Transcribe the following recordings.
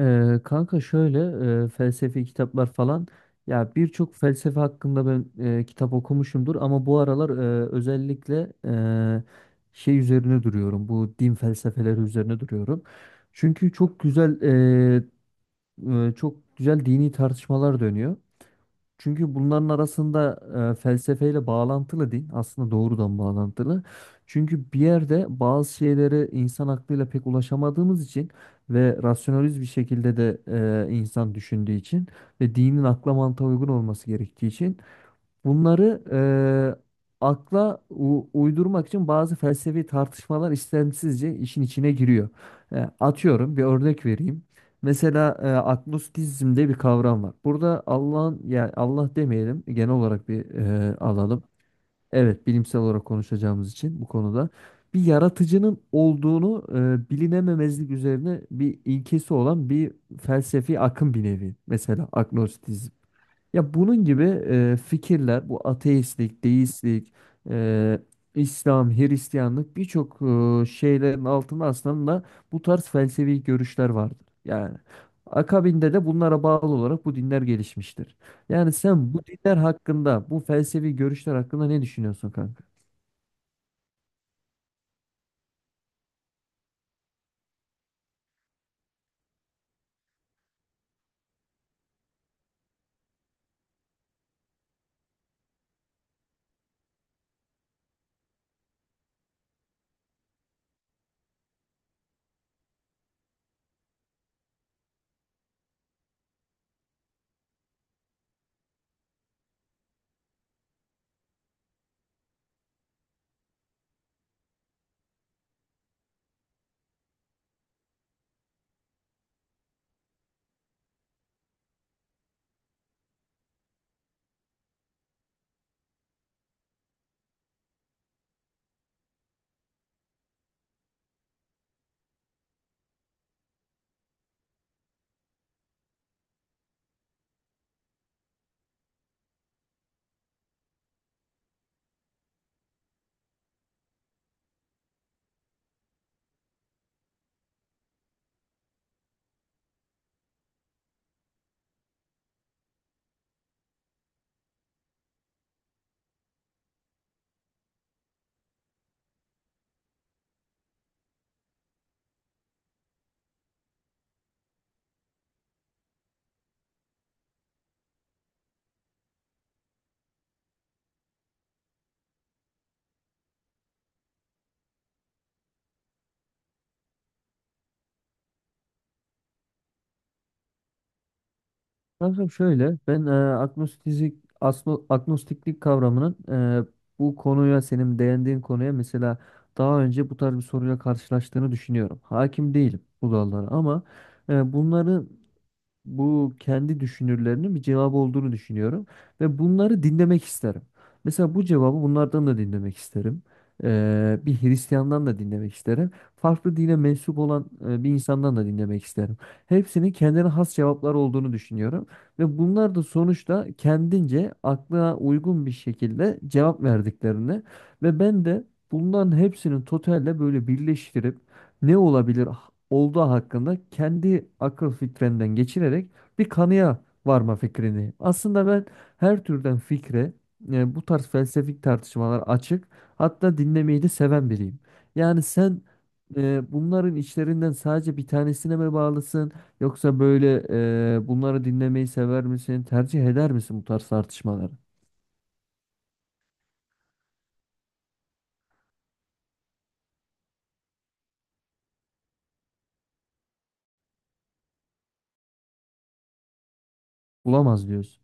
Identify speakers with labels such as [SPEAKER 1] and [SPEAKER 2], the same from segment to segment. [SPEAKER 1] Kanka şöyle, felsefi kitaplar falan, ya birçok felsefe hakkında ben kitap okumuşumdur, ama bu aralar özellikle şey üzerine duruyorum, bu din felsefeleri üzerine duruyorum. Çünkü çok güzel, çok güzel dini tartışmalar dönüyor. Çünkü bunların arasında felsefeyle bağlantılı değil. Aslında doğrudan bağlantılı. Çünkü bir yerde bazı şeyleri insan aklıyla pek ulaşamadığımız için ve rasyonaliz bir şekilde de insan düşündüğü için ve dinin akla mantığa uygun olması gerektiği için bunları akla uydurmak için bazı felsefi tartışmalar istemsizce işin içine giriyor. Atıyorum, bir örnek vereyim. Mesela agnostizm diye bir kavram var. Burada Allah'ın, yani Allah demeyelim, genel olarak bir alalım. Evet, bilimsel olarak konuşacağımız için bu konuda bir yaratıcının olduğunu, bilinememezlik üzerine bir ilkesi olan bir felsefi akım bir nevi. Mesela agnostizm. Ya bunun gibi fikirler, bu ateistlik, deistlik, e, İslam, Hristiyanlık, birçok şeylerin altında aslında bu tarz felsefi görüşler vardır. Yani akabinde de bunlara bağlı olarak bu dinler gelişmiştir. Yani sen bu dinler hakkında, bu felsefi görüşler hakkında ne düşünüyorsun kanka? Kankam şöyle, ben agnostiklik kavramının, e, bu konuya, senin değindiğin konuya mesela daha önce bu tarz bir soruyla karşılaştığını düşünüyorum. Hakim değilim bu dallara, ama bunları, bu kendi düşünürlerinin bir cevabı olduğunu düşünüyorum ve bunları dinlemek isterim. Mesela bu cevabı bunlardan da dinlemek isterim. Bir Hristiyan'dan da dinlemek isterim. Farklı dine mensup olan bir insandan da dinlemek isterim. Hepsinin kendine has cevaplar olduğunu düşünüyorum ve bunlar da sonuçta kendince aklına uygun bir şekilde cevap verdiklerini ve ben de bunların hepsini totalle böyle birleştirip ne olabilir, olduğu hakkında kendi akıl fitrenden geçirerek bir kanıya varma fikrini. Aslında ben her türden fikre, bu tarz felsefik tartışmalar açık, hatta dinlemeyi de seven biriyim. Yani sen bunların içlerinden sadece bir tanesine mi bağlısın, yoksa böyle bunları dinlemeyi sever misin, tercih eder misin bu tarz tartışmaları? Bulamaz diyorsun.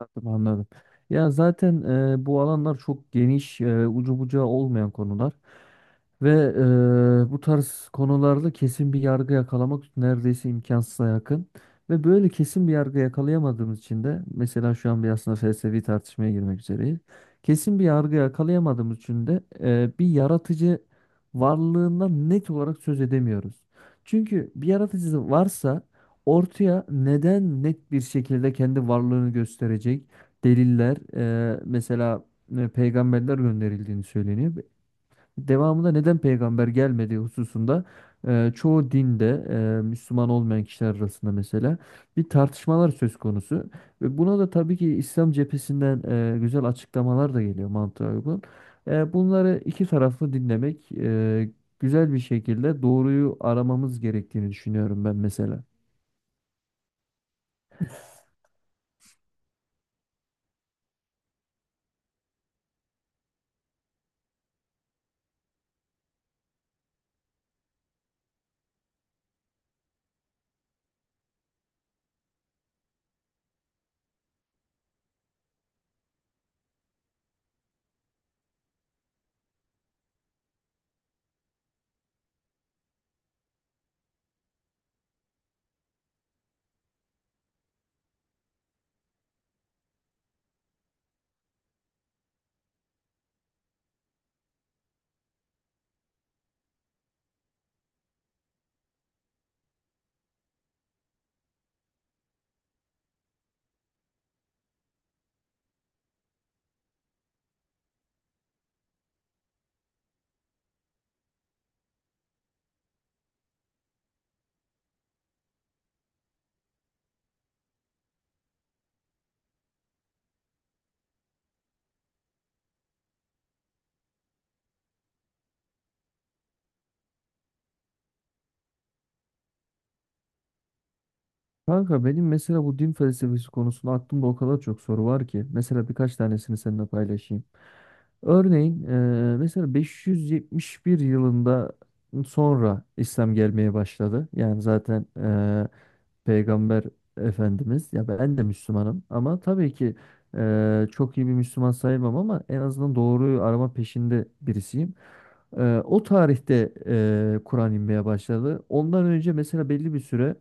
[SPEAKER 1] Anladım, anladım. Ya zaten bu alanlar çok geniş, ucu bucağı olmayan konular ve bu tarz konularda kesin bir yargı yakalamak neredeyse imkansıza yakın. Ve böyle kesin bir yargı yakalayamadığımız için de mesela şu an bir aslında felsefi tartışmaya girmek üzereyiz. Kesin bir yargı yakalayamadığımız için de bir yaratıcı varlığından net olarak söz edemiyoruz. Çünkü bir yaratıcı varsa ortaya neden net bir şekilde kendi varlığını gösterecek deliller, mesela peygamberler gönderildiğini söyleniyor. Devamında neden peygamber gelmediği hususunda çoğu dinde, Müslüman olmayan kişiler arasında mesela bir tartışmalar söz konusu. Ve buna da tabii ki İslam cephesinden güzel açıklamalar da geliyor, mantığa uygun. Bunları iki taraflı dinlemek, güzel bir şekilde doğruyu aramamız gerektiğini düşünüyorum ben mesela. Kanka benim mesela bu din felsefesi konusunda aklımda o kadar çok soru var ki. Mesela birkaç tanesini seninle paylaşayım. Örneğin mesela 571 yılında sonra İslam gelmeye başladı. Yani zaten, Peygamber Efendimiz, ya ben de Müslümanım, ama tabii ki çok iyi bir Müslüman sayılmam, ama en azından doğruyu arama peşinde birisiyim. O tarihte Kur'an inmeye başladı. Ondan önce mesela belli bir süre,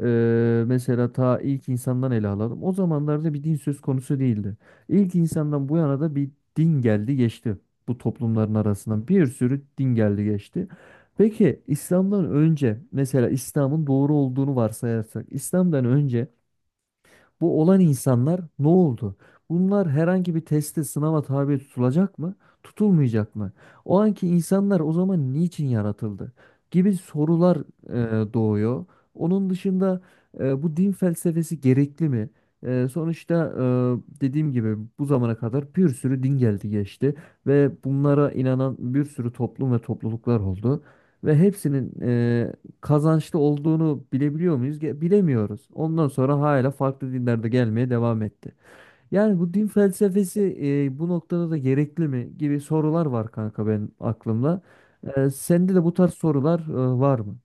[SPEAKER 1] Mesela ta ilk insandan ele alalım. O zamanlarda bir din söz konusu değildi. İlk insandan bu yana da bir din geldi geçti. Bu toplumların arasından bir sürü din geldi geçti. Peki İslam'dan önce, mesela İslam'ın doğru olduğunu varsayarsak, İslam'dan önce bu olan insanlar ne oldu? Bunlar herhangi bir teste, sınava tabi tutulacak mı? Tutulmayacak mı? O anki insanlar o zaman niçin yaratıldı? Gibi sorular doğuyor. Onun dışında, bu din felsefesi gerekli mi? Sonuçta, dediğim gibi, bu zamana kadar bir sürü din geldi geçti ve bunlara inanan bir sürü toplum ve topluluklar oldu. Ve hepsinin kazançlı olduğunu bilebiliyor muyuz? Bilemiyoruz. Ondan sonra hala farklı dinlerde gelmeye devam etti. Yani bu din felsefesi bu noktada da gerekli mi, gibi sorular var kanka benim aklımda. Sende de bu tarz sorular var mı?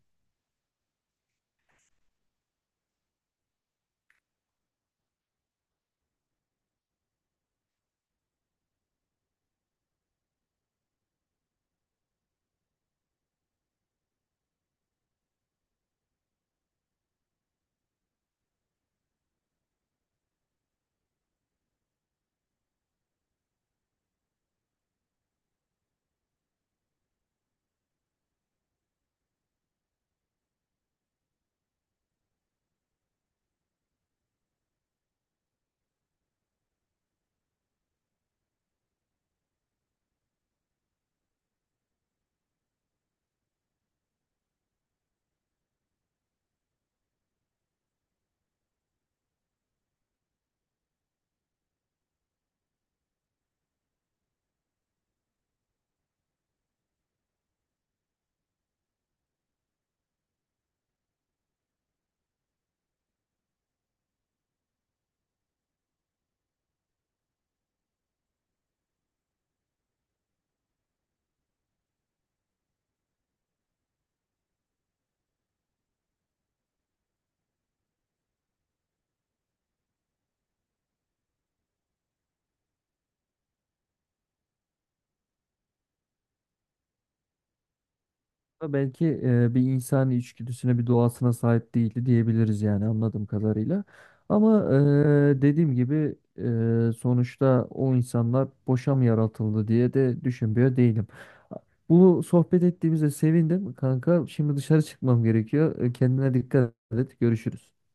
[SPEAKER 1] Ama belki bir insani içgüdüsüne, bir doğasına sahip değildi diyebiliriz, yani anladığım kadarıyla. Ama dediğim gibi, sonuçta o insanlar boşa mı yaratıldı diye de düşünmüyor değilim. Bu sohbet ettiğimize sevindim kanka. Şimdi dışarı çıkmam gerekiyor. Kendine dikkat et. Görüşürüz.